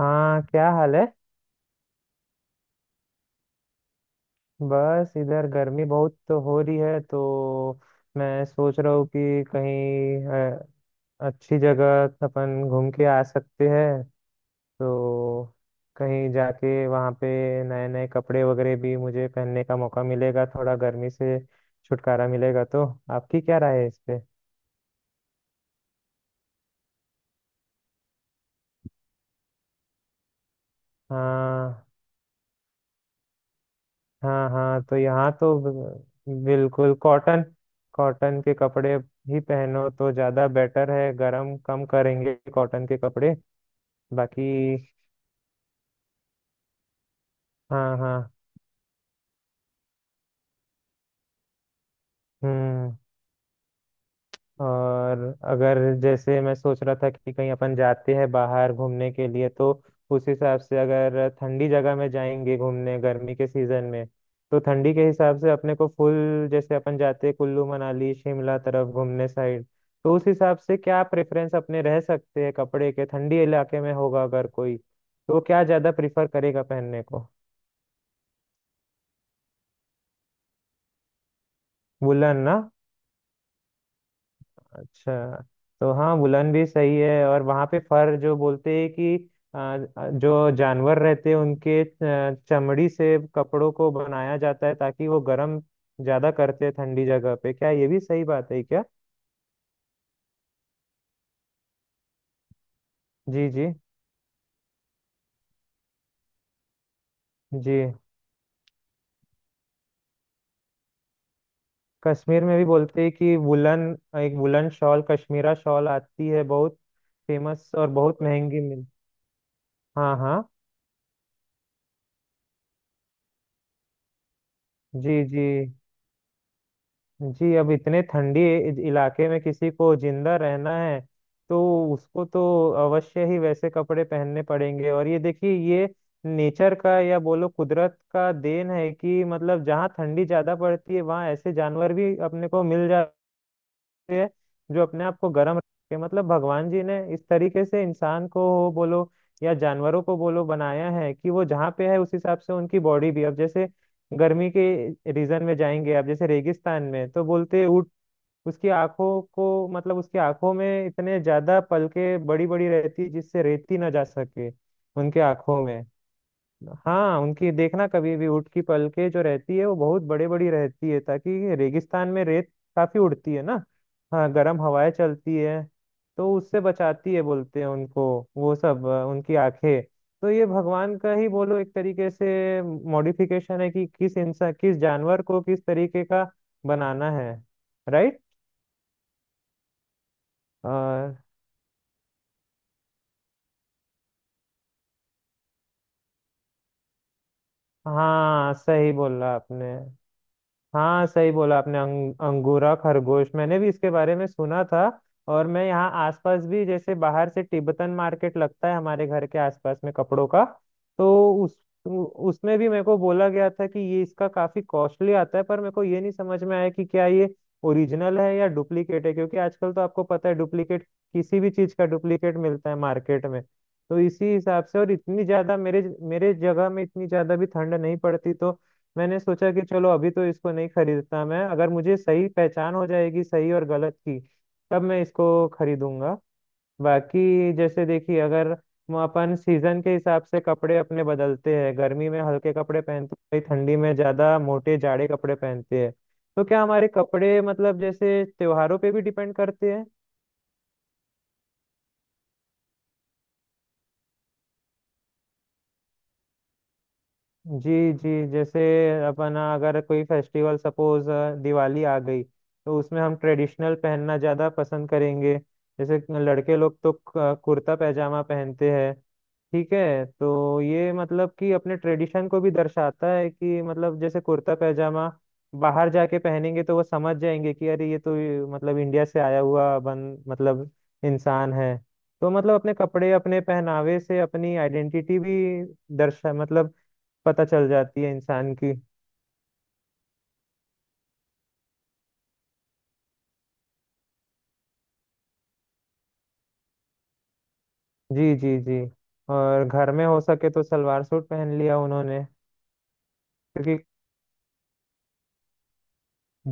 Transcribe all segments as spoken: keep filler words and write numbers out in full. हाँ, क्या हाल है। बस इधर गर्मी बहुत तो हो रही है, तो मैं सोच रहा हूँ कि कहीं अ, अच्छी जगह अपन घूम के आ सकते हैं। तो कहीं जाके वहाँ पे नए नए कपड़े वगैरह भी मुझे पहनने का मौका मिलेगा, थोड़ा गर्मी से छुटकारा मिलेगा। तो आपकी क्या राय है इस पे? हाँ हाँ हाँ। तो यहाँ तो ब- बिल्कुल कॉटन, कॉटन के कपड़े ही पहनो तो ज्यादा बेटर है, गरम कम करेंगे कॉटन के कपड़े बाकी। हाँ हाँ। हम्म। और अगर जैसे मैं सोच रहा था कि कहीं अपन जाते हैं बाहर घूमने के लिए, तो उस हिसाब से अगर ठंडी जगह में जाएंगे घूमने गर्मी के सीजन में, तो ठंडी के हिसाब से अपने को फुल, जैसे अपन जाते हैं कुल्लू मनाली शिमला तरफ घूमने साइड, तो उस हिसाब से क्या प्रेफरेंस अपने रह सकते हैं कपड़े के? ठंडी इलाके में होगा अगर कोई तो क्या ज्यादा प्रिफर करेगा पहनने को? वुलन ना? अच्छा। तो हाँ, वुलन भी सही है। और वहाँ पे फर जो बोलते हैं कि आ, जो जानवर रहते हैं उनके आ, चमड़ी से कपड़ों को बनाया जाता है ताकि वो गर्म ज्यादा करते हैं ठंडी जगह पे, क्या ये भी सही बात है क्या? जी जी जी। कश्मीर में भी बोलते हैं कि वुलन। एक वुलन शॉल, कश्मीरा शॉल आती है बहुत फेमस और बहुत महंगी मिल। हाँ हाँ। जी जी जी। अब इतने ठंडी इ- इलाके में किसी को जिंदा रहना है तो उसको तो अवश्य ही वैसे कपड़े पहनने पड़ेंगे। और ये देखिए, ये नेचर का या बोलो कुदरत का देन है कि मतलब जहाँ ठंडी ज्यादा पड़ती है वहाँ ऐसे जानवर भी अपने को मिल जाते है जो अपने आप को गर्म रखे। मतलब भगवान जी ने इस तरीके से इंसान को हो बोलो या जानवरों को बोलो बनाया है कि वो जहाँ पे है उस हिसाब से उनकी बॉडी भी। अब जैसे गर्मी के रीजन में जाएंगे, आप जैसे रेगिस्तान में तो बोलते हैं ऊँट, उसकी आंखों को, मतलब उसकी आंखों में इतने ज्यादा पलके बड़ी बड़ी रहती है जिससे रेती ना जा सके उनके आंखों में। हाँ, उनकी देखना कभी भी ऊँट की पलके जो रहती है वो बहुत बड़े बड़ी रहती है, ताकि रेगिस्तान में रेत काफी उड़ती है ना। हाँ, गर्म हवाएं चलती है तो उससे बचाती है बोलते हैं उनको वो सब, अ, उनकी आंखें। तो ये भगवान का ही बोलो एक तरीके से मॉडिफिकेशन है कि किस इंसान किस जानवर को किस तरीके का बनाना है। राइट। और हाँ, सही बोला आपने। हाँ, सही बोला आपने, अंग, अंगूरा खरगोश, मैंने भी इसके बारे में सुना था। और मैं यहाँ आसपास भी, जैसे बाहर से तिब्बतन मार्केट लगता है हमारे घर के आसपास में कपड़ों का, तो उस उ- उसमें भी मेरे को बोला गया था कि ये इसका काफी कॉस्टली आता है, पर मेरे को ये नहीं समझ में आया कि क्या ये ओरिजिनल है या डुप्लीकेट है, क्योंकि आजकल तो आपको पता है डुप्लीकेट, किसी भी चीज का डुप्लीकेट मिलता है मार्केट में। तो इसी हिसाब से, और इतनी ज्यादा मेरे मेरे जगह में इतनी ज्यादा भी ठंड नहीं पड़ती, तो मैंने सोचा कि चलो अभी तो इसको नहीं खरीदता मैं, अगर मुझे सही पहचान हो जाएगी सही और गलत की तब मैं इसको खरीदूंगा। बाकी जैसे देखिए, अगर हम अपन सीजन के हिसाब से कपड़े अपने बदलते हैं, गर्मी में हल्के कपड़े पहनते हैं, ठंडी में ज्यादा मोटे जाड़े कपड़े पहनते हैं, तो क्या हमारे कपड़े मतलब जैसे त्योहारों पे भी डिपेंड करते हैं? जी जी। जैसे अपना अगर कोई फेस्टिवल सपोज दिवाली आ गई तो उसमें हम ट्रेडिशनल पहनना ज़्यादा पसंद करेंगे। जैसे लड़के लोग तो क- कुर्ता पैजामा पहनते हैं। ठीक है। तो ये मतलब कि अपने ट्रेडिशन को भी दर्शाता है कि मतलब जैसे कुर्ता पैजामा बाहर जाके पहनेंगे तो वो समझ जाएंगे कि अरे ये तो ये, मतलब इंडिया से आया हुआ बन, मतलब इंसान है। तो मतलब अपने कपड़े, अपने पहनावे से अपनी आइडेंटिटी भी दर्शा, मतलब पता चल जाती है इंसान की। जी जी जी। और घर में हो सके तो सलवार सूट पहन लिया उन्होंने क्योंकि।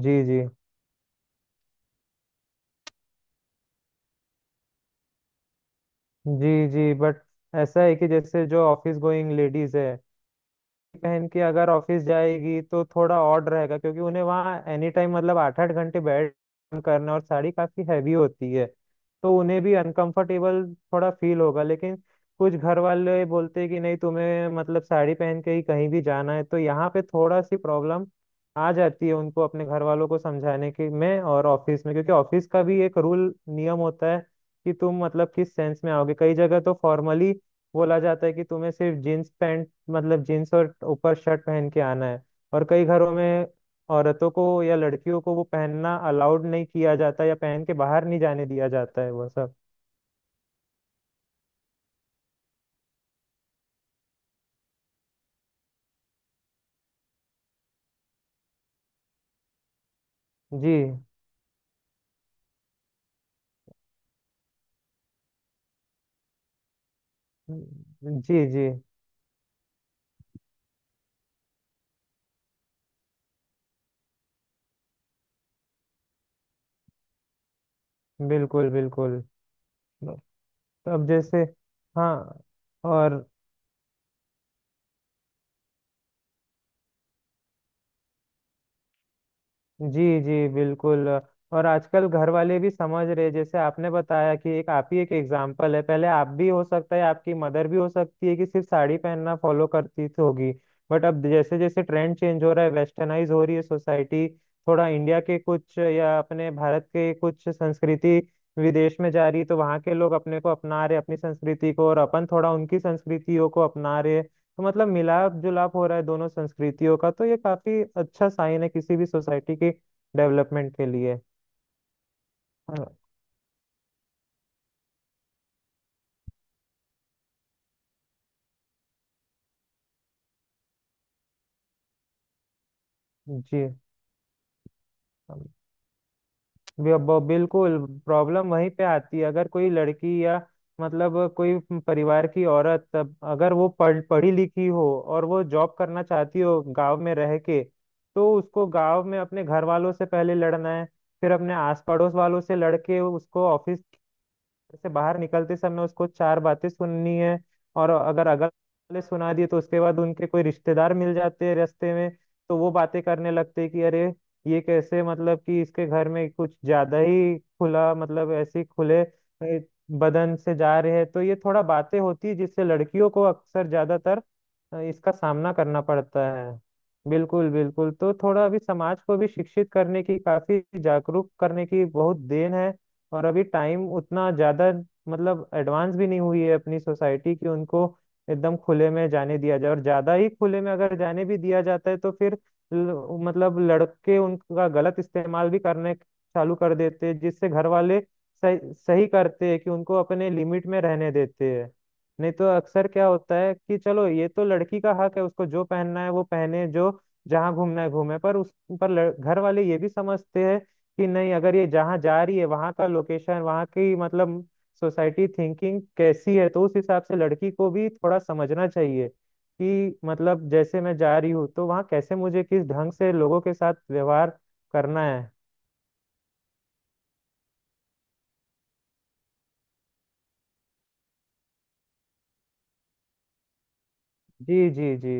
जी जी जी जी। बट ऐसा है कि जैसे जो ऑफिस गोइंग लेडीज है, बहन की अगर ऑफिस जाएगी तो थोड़ा ऑड रहेगा, क्योंकि उन्हें वहाँ एनी टाइम मतलब आठ आठ घंटे बैठ काम करना, और साड़ी काफी हैवी होती है, तो उन्हें भी अनकंफर्टेबल थोड़ा फील होगा। लेकिन कुछ घर वाले बोलते हैं कि नहीं, तुम्हें मतलब साड़ी पहन के ही कहीं भी जाना है, तो यहाँ पे थोड़ा सी प्रॉब्लम आ जाती है उनको अपने घर वालों को समझाने के में और ऑफिस में, क्योंकि ऑफिस का भी एक रूल नियम होता है कि तुम मतलब किस सेंस में आओगे। कई जगह तो फॉर्मली बोला जाता है कि तुम्हें सिर्फ जींस पैंट, मतलब जीन्स और ऊपर शर्ट पहन के आना है। और कई घरों में औरतों को या लड़कियों को वो पहनना अलाउड नहीं किया जाता या पहन के बाहर नहीं जाने दिया जाता है वो सब। जी जी जी। बिल्कुल बिल्कुल। तो अब जैसे, हाँ और, जी जी बिल्कुल, और आजकल घर वाले भी समझ रहे, जैसे आपने बताया कि एक आप ही एक एग्जाम्पल है, पहले आप भी हो सकता है आपकी मदर भी हो सकती है कि सिर्फ साड़ी पहनना फॉलो करती थी होगी, बट अब जैसे जैसे ट्रेंड चेंज हो रहा है, वेस्टर्नाइज हो रही है सोसाइटी, थोड़ा इंडिया के कुछ या अपने भारत के कुछ संस्कृति विदेश में जा रही है, तो वहाँ के लोग अपने को अपना रहे अपनी संस्कृति को और अपन थोड़ा उनकी संस्कृतियों को अपना रहे, तो मतलब मिलाप जुलाप हो रहा है दोनों संस्कृतियों का, तो ये काफी अच्छा साइन है किसी भी सोसाइटी की डेवलपमेंट के लिए। हाँ, जी। बि- ब- बिल्कुल। प्रॉब्लम वहीं पे आती है अगर कोई लड़की या मतलब कोई परिवार की औरत, तब अगर वो पढ़ पढ़ी लिखी हो और वो जॉब करना चाहती हो गांव में रह के, तो उसको गांव में अपने घर वालों से पहले लड़ना है, फिर अपने आस पड़ोस वालों से लड़के उसको ऑफिस, घर से बाहर निकलते समय उसको चार बातें सुननी है। और अगर अगल वाले सुना दिए तो उसके बाद उनके कोई रिश्तेदार मिल जाते हैं रास्ते में, तो वो बातें करने लगते हैं कि अरे ये कैसे, मतलब कि इसके घर में कुछ ज्यादा ही खुला, मतलब ऐसे ही खुले ए, बदन से जा रहे हैं, तो ये थोड़ा बातें होती है जिससे लड़कियों को अक्सर ज्यादातर अ, इसका सामना करना पड़ता है। बिल्कुल बिल्कुल। तो थोड़ा अभी समाज को भी शिक्षित करने की, काफी जागरूक करने की बहुत देन है। और अभी टाइम उतना ज्यादा मतलब एडवांस भी नहीं हुई है अपनी सोसाइटी कि उनको एकदम खुले में जाने दिया जाए, और ज्यादा ही खुले में अगर जाने भी दिया जाता है तो फिर ल- मतलब लड़के उनका गलत इस्तेमाल भी करने चालू कर देते हैं जिससे घर वाले सही सही करते हैं कि उनको अपने लिमिट में रहने देते हैं। नहीं तो अक्सर क्या होता है कि चलो ये तो लड़की का हक है, उसको जो पहनना है वो पहने, जो जहाँ घूमना है घूमे, पर उस पर लड़- घर वाले ये भी समझते हैं कि नहीं, अगर ये जहाँ जा रही है वहां का लोकेशन, वहां की मतलब सोसाइटी थिंकिंग कैसी है, तो उस हिसाब से लड़की को भी थोड़ा समझना चाहिए कि मतलब जैसे मैं जा रही हूँ तो वहाँ कैसे, मुझे किस ढंग से लोगों के साथ व्यवहार करना है। जी जी जी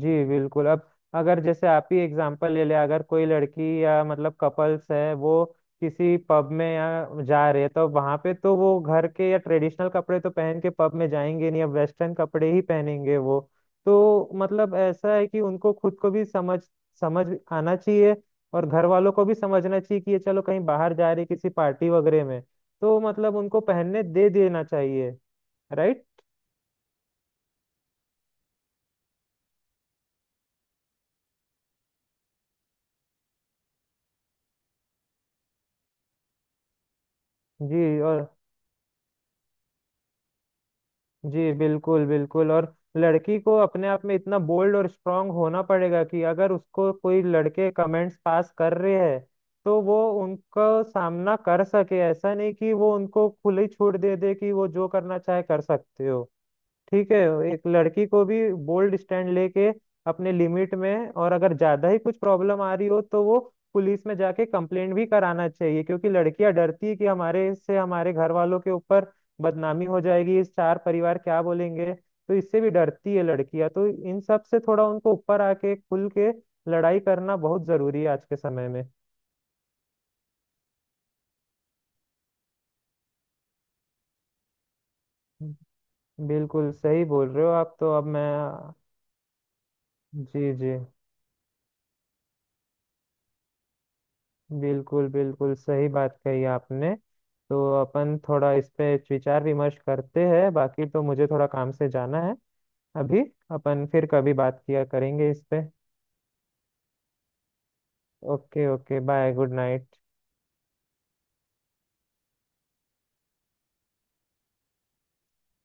जी बिल्कुल। अब अगर जैसे आप ही एग्जांपल ले ले, अगर कोई लड़की या मतलब कपल्स है वो किसी पब में या जा रहे हैं, तो वहां पे तो वो घर के या ट्रेडिशनल कपड़े तो पहन के पब में जाएंगे नहीं, अब वेस्टर्न कपड़े ही पहनेंगे वो। तो मतलब ऐसा है कि उनको खुद को भी समझ समझ आना चाहिए, और घर वालों को भी समझना चाहिए कि ये चलो कहीं बाहर जा रही किसी पार्टी वगैरह में, तो मतलब उनको पहनने दे देना चाहिए। राइट। जी और, जी बिल्कुल बिल्कुल। और लड़की को अपने आप में इतना बोल्ड और स्ट्रांग होना पड़ेगा कि अगर उसको कोई लड़के कमेंट्स पास कर रहे हैं तो वो उनका सामना कर सके, ऐसा नहीं कि वो उनको खुली छूट दे दे कि वो जो करना चाहे कर सकते हो। ठीक है। एक लड़की को भी बोल्ड स्टैंड लेके अपने लिमिट में, और अगर ज्यादा ही कुछ प्रॉब्लम आ रही हो तो वो पुलिस में जाके कंप्लेंट भी कराना चाहिए, क्योंकि लड़कियां डरती है कि हमारे से हमारे घर वालों के ऊपर बदनामी हो जाएगी, इस चार परिवार क्या बोलेंगे, तो इससे भी डरती है लड़कियां, तो इन सब से थोड़ा उनको ऊपर आके खुल के लड़ाई करना बहुत जरूरी है आज के समय में। बिल्कुल सही बोल रहे हो आप। तो अब मैं, जी जी बिल्कुल बिल्कुल सही बात कही आपने। तो अपन थोड़ा इस पे विचार विमर्श करते हैं, बाकी तो मुझे थोड़ा काम से जाना है अभी। अपन फिर कभी बात किया करेंगे इस पे। Okay. Okay bye. Good night.